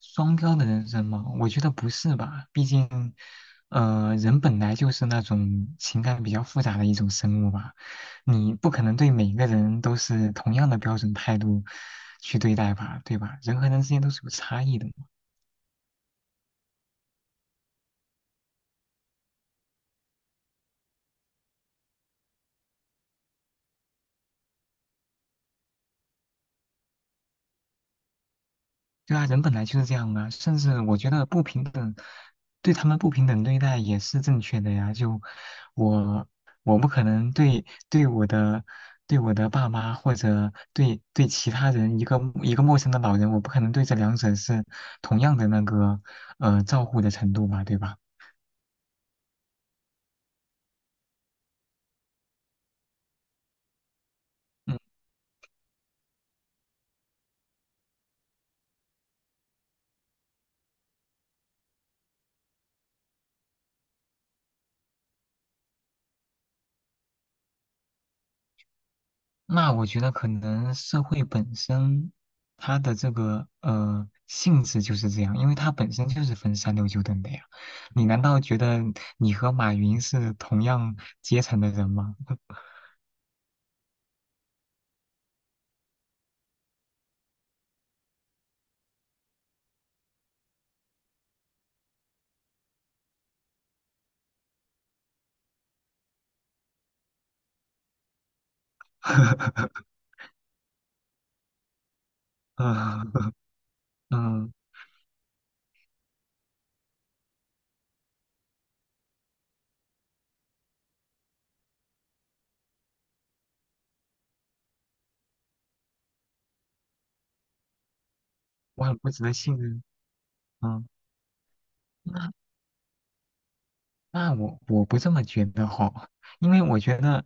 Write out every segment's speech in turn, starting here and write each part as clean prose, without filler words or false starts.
双标的人生吗？我觉得不是吧，毕竟，人本来就是那种情感比较复杂的一种生物吧，你不可能对每个人都是同样的标准态度去对待吧，对吧？人和人之间都是有差异的。对啊，人本来就是这样啊，甚至我觉得不平等，对他们不平等对待也是正确的呀。就我，我不可能对我的对我的爸妈或者对其他人一个陌生的老人，我不可能对这两者是同样的那个照顾的程度吧，对吧？嗯。那我觉得可能社会本身它的这个性质就是这样，因为它本身就是分三六九等的呀。你难道觉得你和马云是同样阶层的人吗？嗯嗯，我很不值得信任。嗯，那那我不这么觉得吼，因为我觉得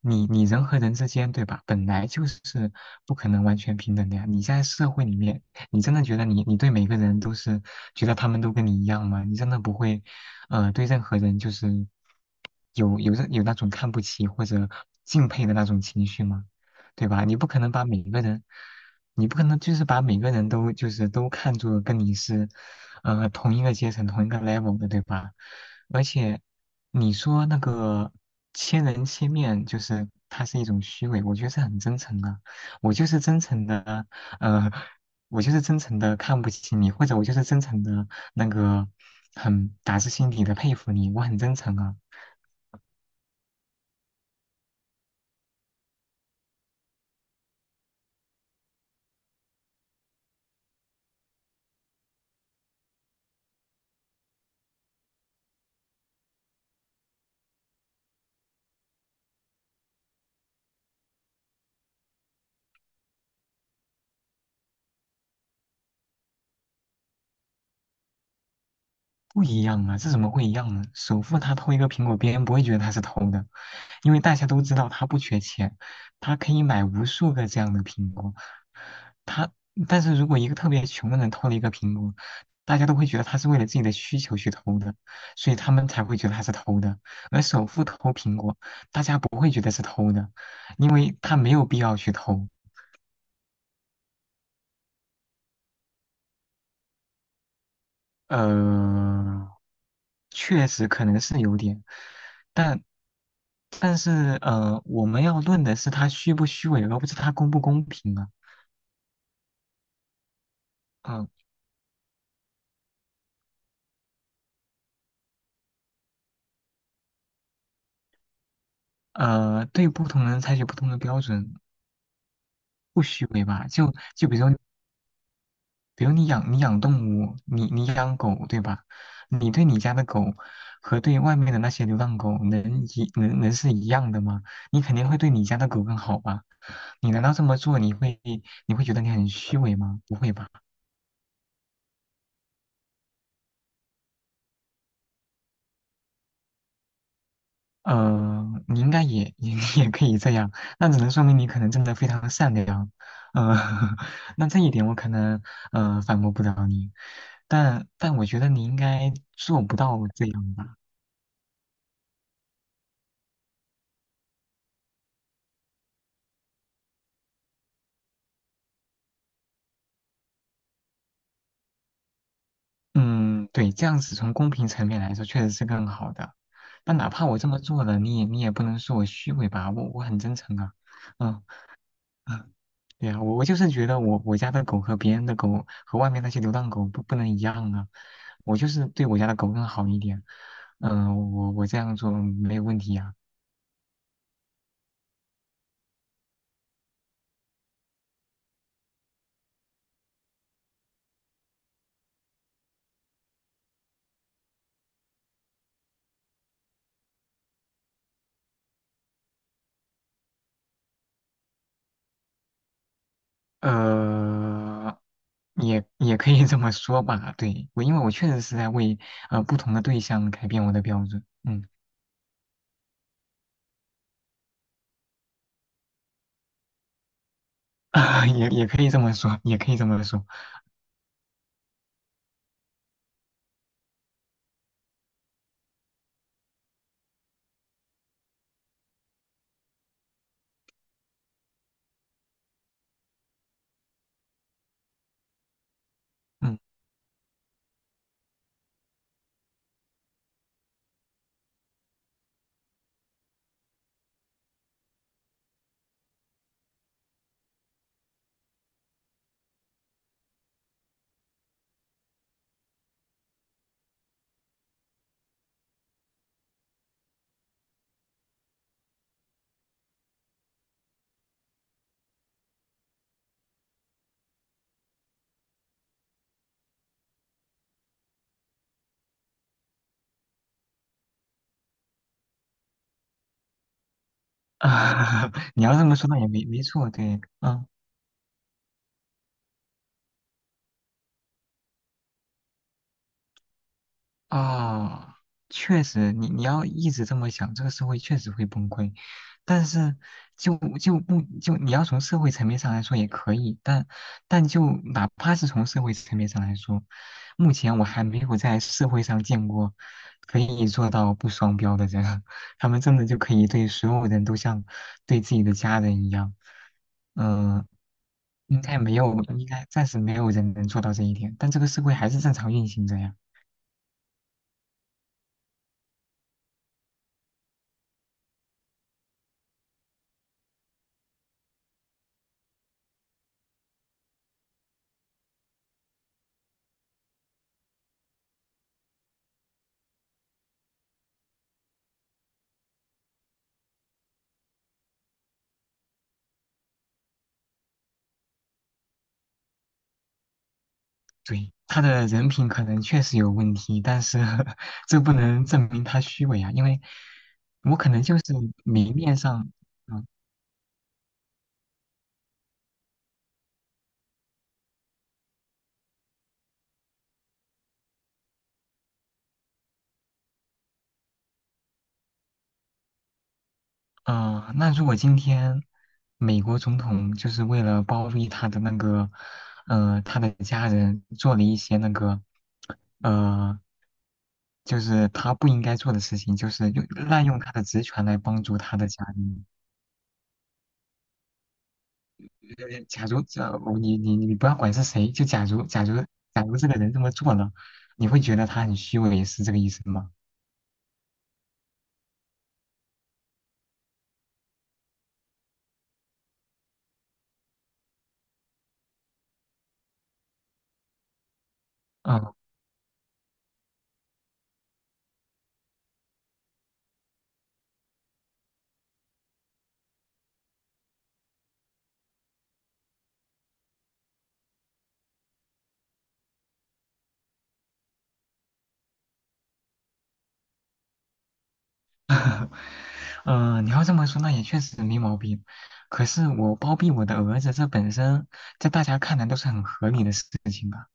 你人和人之间，对吧？本来就是不可能完全平等的呀。你在社会里面，你真的觉得你对每个人都是觉得他们都跟你一样吗？你真的不会，呃，对任何人就是有那种看不起或者敬佩的那种情绪吗？对吧？你不可能把每个人，你不可能就是把每个人都就是都看作跟你是。同一个阶层、同一个 level 的，对吧？而且你说那个千人千面，就是它是一种虚伪，我觉得是很真诚的。我就是真诚的，呃，我就是真诚的看不起你，或者我就是真诚的那个很打自心底的佩服你，我很真诚啊。不一样啊，这怎么会一样呢？首富他偷一个苹果，别人不会觉得他是偷的，因为大家都知道他不缺钱，他可以买无数个这样的苹果。他，但是如果一个特别穷的人偷了一个苹果，大家都会觉得他是为了自己的需求去偷的，所以他们才会觉得他是偷的。而首富偷苹果，大家不会觉得是偷的，因为他没有必要去偷。呃，确实可能是有点，但但是我们要论的是它虚不虚伪，而不是它公不公平啊。嗯对不同人采取不同的标准，不虚伪吧？就比如说比如你养动物，你养狗对吧？你对你家的狗和对外面的那些流浪狗能是一样的吗？你肯定会对你家的狗更好吧？你难道这么做你会觉得你很虚伪吗？不会吧？呃，你应该也 也可以这样，那只能说明你可能真的非常善良。呃，那这一点我可能反驳不了你，但我觉得你应该做不到这样吧。嗯，对，这样子从公平层面来说确实是更好的。但哪怕我这么做了，你也不能说我虚伪吧，我很真诚啊。嗯嗯，对呀，我就是觉得我家的狗和别人的狗和外面那些流浪狗不能一样啊。我就是对我家的狗更好一点。嗯、我这样做没有问题呀、呃，也可以这么说吧。对，我因为我确实是在为不同的对象改变我的标准。嗯，也可以这么说，也可以这么说。嗯，你要这么说那也没错。对，嗯。啊，确实，你要一直这么想，这个社会确实会崩溃。但是就就不就你要从社会层面上来说也可以，但就哪怕是从社会层面上来说，目前我还没有在社会上见过可以做到不双标的人，他们真的就可以对所有人都像对自己的家人一样。嗯、应该没有，应该暂时没有人能做到这一点，但这个社会还是正常运行着呀。对，他的人品可能确实有问题，但是 这不能证明他虚伪啊，因为我可能就是明面上，嗯那如果今天美国总统就是为了包庇他的那个，呃，他的家人做了一些那个，呃，就是他不应该做的事情，就是用滥用他的职权来帮助他的家人，假如你不要管是谁，就假如这个人这么做了，你会觉得他很虚伪，是这个意思吗？嗯，嗯，你要这么说，那也确实没毛病。可是我包庇我的儿子，这本身在大家看来都是很合理的事情吧？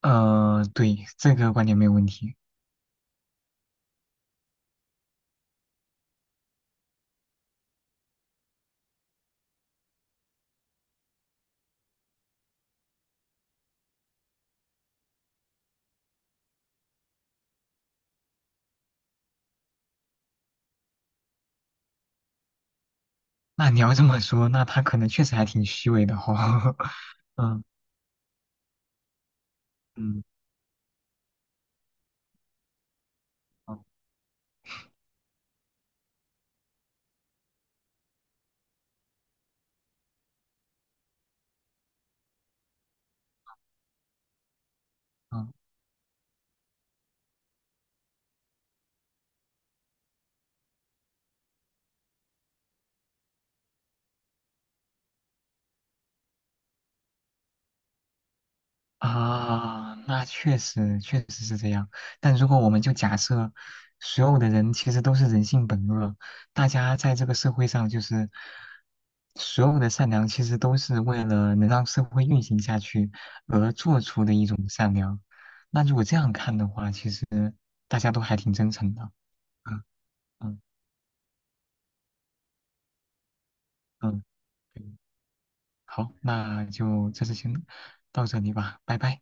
呃，对，这个观点没有问题。那你要这么说，那他可能确实还挺虚伪的哈、嗯嗯嗯嗯啊，那确实确实是这样。但如果我们就假设所有的人其实都是人性本恶，大家在这个社会上就是所有的善良，其实都是为了能让社会运行下去而做出的一种善良。那如果这样看的话，其实大家都还挺真诚的。嗯嗯嗯，对好，那就这次先到这里吧，拜拜。